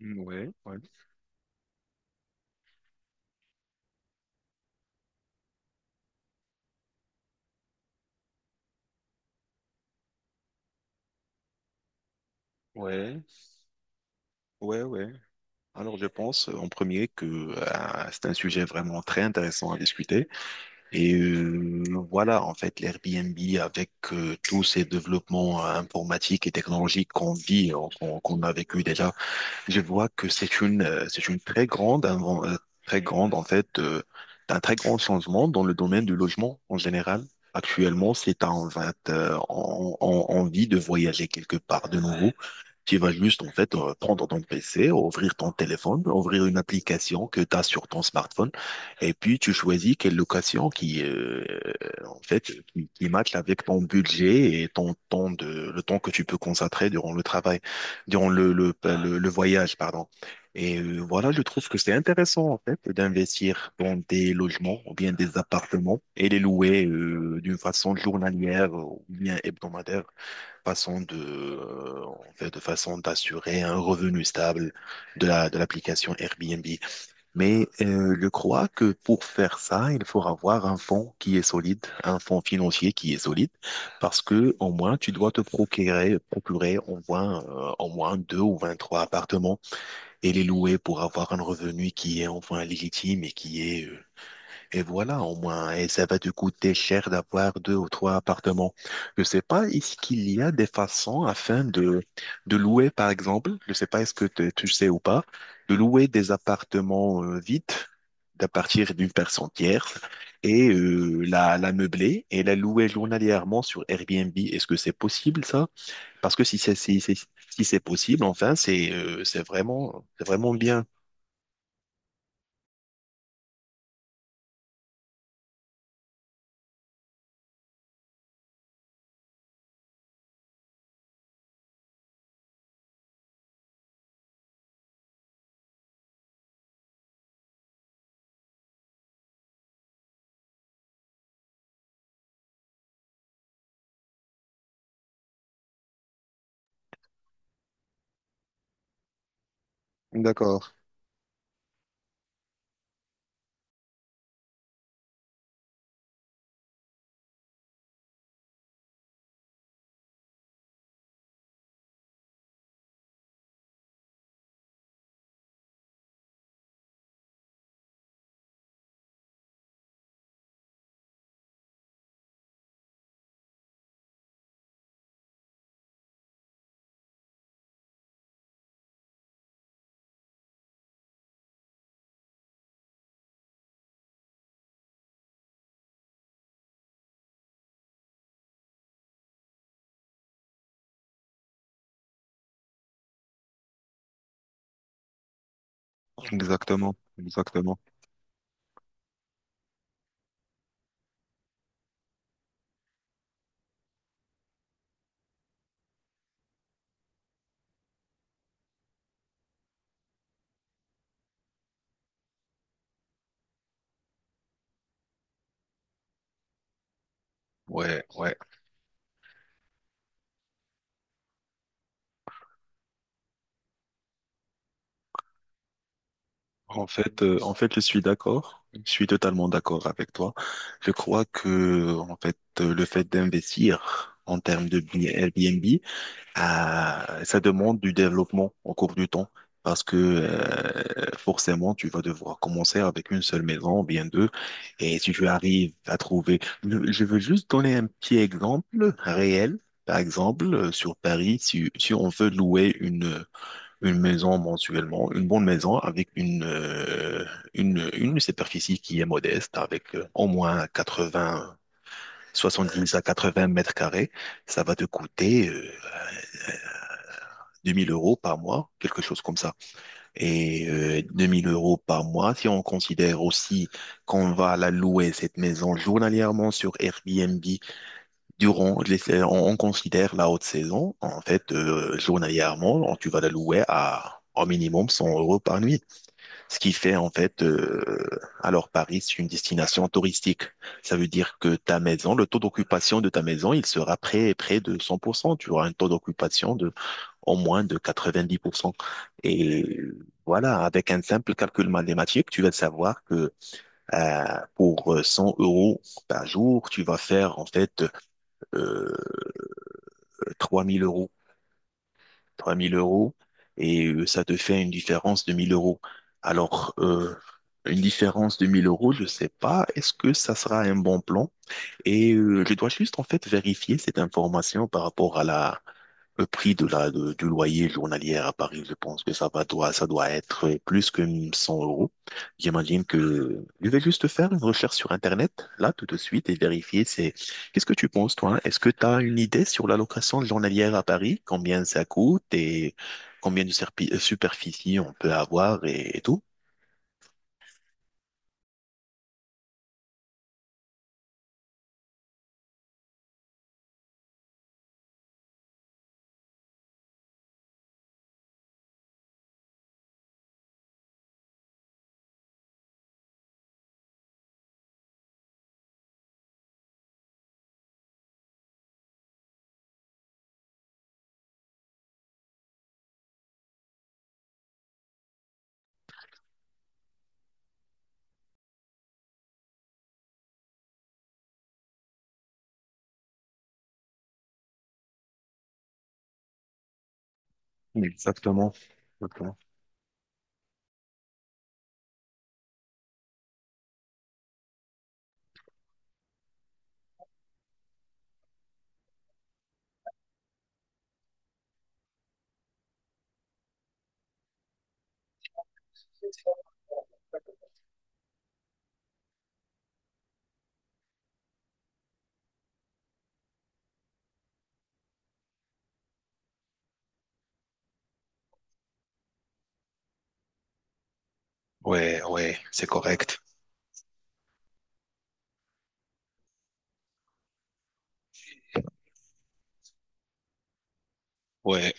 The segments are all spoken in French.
Mm, Ouais, ouais, ouais, ouais, ouais. Alors je pense en premier que c'est un sujet vraiment très intéressant à discuter. Et euh, voilà, en fait, l'Airbnb avec tous ces développements informatiques et technologiques qu'on vit, qu'on qu'on a vécu déjà, je vois que c'est une très grande, très grande en fait, un très grand changement dans le domaine du logement en général. Actuellement, c'est en 20, on, on vit de voyager quelque part de nouveau. Tu vas juste, en fait, prendre ton PC, ouvrir ton téléphone, ouvrir une application que tu as sur ton smartphone, et puis tu choisis quelle location en fait, qui matche avec ton budget et le temps que tu peux consacrer durant le travail, durant le voyage, pardon. Et voilà, je trouve que c'est intéressant, en fait, d'investir dans des logements ou bien des appartements et les louer d'une façon journalière ou bien hebdomadaire, façon de, en fait, de façon d'assurer un revenu stable de l'application Airbnb. Mais je crois que pour faire ça, il faut avoir un fonds qui est solide, un fonds financier qui est solide, parce que au moins tu dois te procurer, procurer au moins deux ou 23 appartements et les louer pour avoir un revenu qui est enfin légitime et qui est et voilà, au moins, et ça va te coûter cher d'avoir deux ou trois appartements. Je sais pas, est-ce qu'il y a des façons afin de louer, par exemple, je sais pas, tu sais ou pas, de louer des appartements vides à partir d'une personne tierce et la meubler et la louer journalièrement sur Airbnb. Est-ce que c'est possible, ça? Parce que si c'est possible, enfin, c'est vraiment bien. D'accord. Exactement, exactement. Ouais, ouais. En fait, je suis d'accord. Je suis totalement d'accord avec toi. Je crois que, en fait, le fait d'investir en termes de Airbnb, ça demande du développement au cours du temps. Parce que forcément, tu vas devoir commencer avec une seule maison, ou bien deux. Et si tu arrives à trouver... Je veux juste donner un petit exemple réel. Par exemple, sur Paris, si on veut louer une maison mensuellement, une bonne maison avec une superficie qui est modeste, avec au moins quatre-vingt 70 à 80 mètres carrés, ça va te coûter 2 000 € par mois, quelque chose comme ça. Et 2 000 € par mois, si on considère aussi qu'on va la louer, cette maison, journalièrement sur Airbnb, on, considère la haute saison, en fait, journalièrement, tu vas la louer à au minimum 100 € par nuit. Ce qui fait en fait, alors Paris, c'est une destination touristique. Ça veut dire que ta maison, le taux d'occupation de ta maison, il sera près de 100%. Tu auras un taux d'occupation de au moins de 90%. Et voilà, avec un simple calcul mathématique, tu vas savoir que euh, pour 100 € par jour, tu vas faire en fait euh, 3000 euros. 3 000 € et ça te fait une différence de 1000 euros. Alors, euh, une différence de 1000 euros, je ne sais pas, est-ce que ça sera un bon plan? Et je dois juste en fait vérifier cette information par rapport le prix de la, du loyer journalier à Paris. Je pense que ça doit être plus que 100 euros. J'imagine que je vais juste faire une recherche sur Internet, là, tout de suite, et qu'est-ce que tu penses, toi? Est-ce que tu as une idée sur la location journalière à Paris? Combien ça coûte et combien de superficie on peut avoir et tout? Exactement. Exactement. Ouais, ouais, c'est correct. Ouais,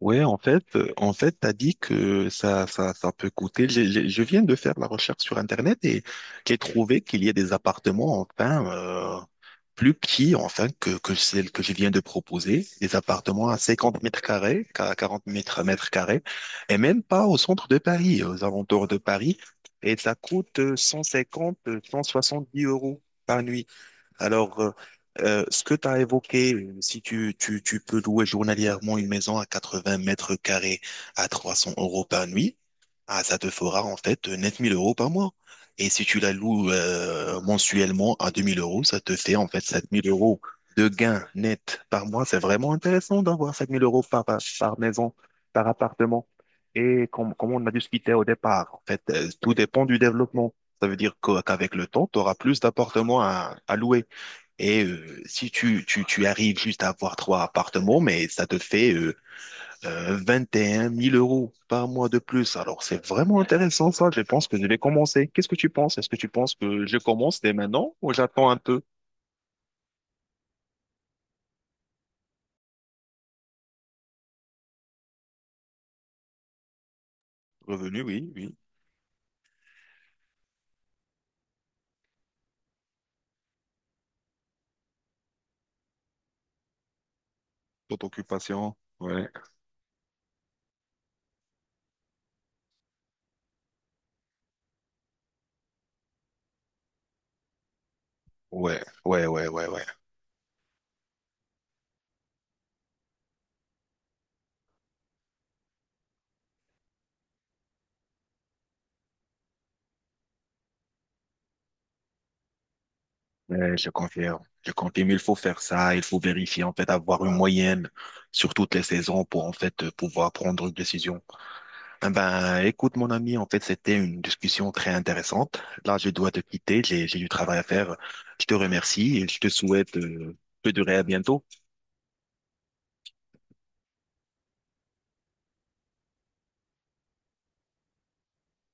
ouais, en fait, t'as dit que ça peut coûter. J'ai- Je, viens de faire la recherche sur Internet et j'ai trouvé qu'il y a des appartements, enfin, plus petits, enfin, que celle que je viens de proposer. Des appartements à 50 m², à 40 mètres, mètres carrés, et même pas au centre de Paris, aux alentours de Paris. Et ça coûte 150, dix euros par nuit. Alors, euh, Ce que tu as évoqué, si tu peux louer journalièrement une maison à 80 mètres carrés à 300 € par nuit, ah, ça te fera en fait 9 000 € par mois. Et si tu la loues mensuellement à 2000 euros, ça te fait en fait 7 000 € de gains net par mois. C'est vraiment intéressant d'avoir 7 000 € par maison, par appartement. Et comme on a discuté au départ, en fait, tout dépend du développement. Ça veut dire qu'avec le temps, tu auras plus d'appartements à louer. Et si tu arrives juste à avoir trois appartements, mais ça te fait 21 000 euros par mois de plus. Alors, c'est vraiment intéressant, ça. Je pense que je vais commencer. Qu'est-ce que tu penses? Est-ce que tu penses que je commence dès maintenant ou j'attends un peu? Revenu, oui, oui. Toute occupation, ouais. Ouais, ouais, ouais, ouais, ouais. Ouais, je confirme. Je confirme, il faut faire ça. Il faut vérifier, en fait, avoir une moyenne sur toutes les saisons pour, en fait, pouvoir prendre une décision. Eh Ben, écoute, mon ami, en fait, c'était une discussion très intéressante. Là, je dois te quitter, j'ai du travail à faire. Je te remercie et je te souhaite de durer à bientôt.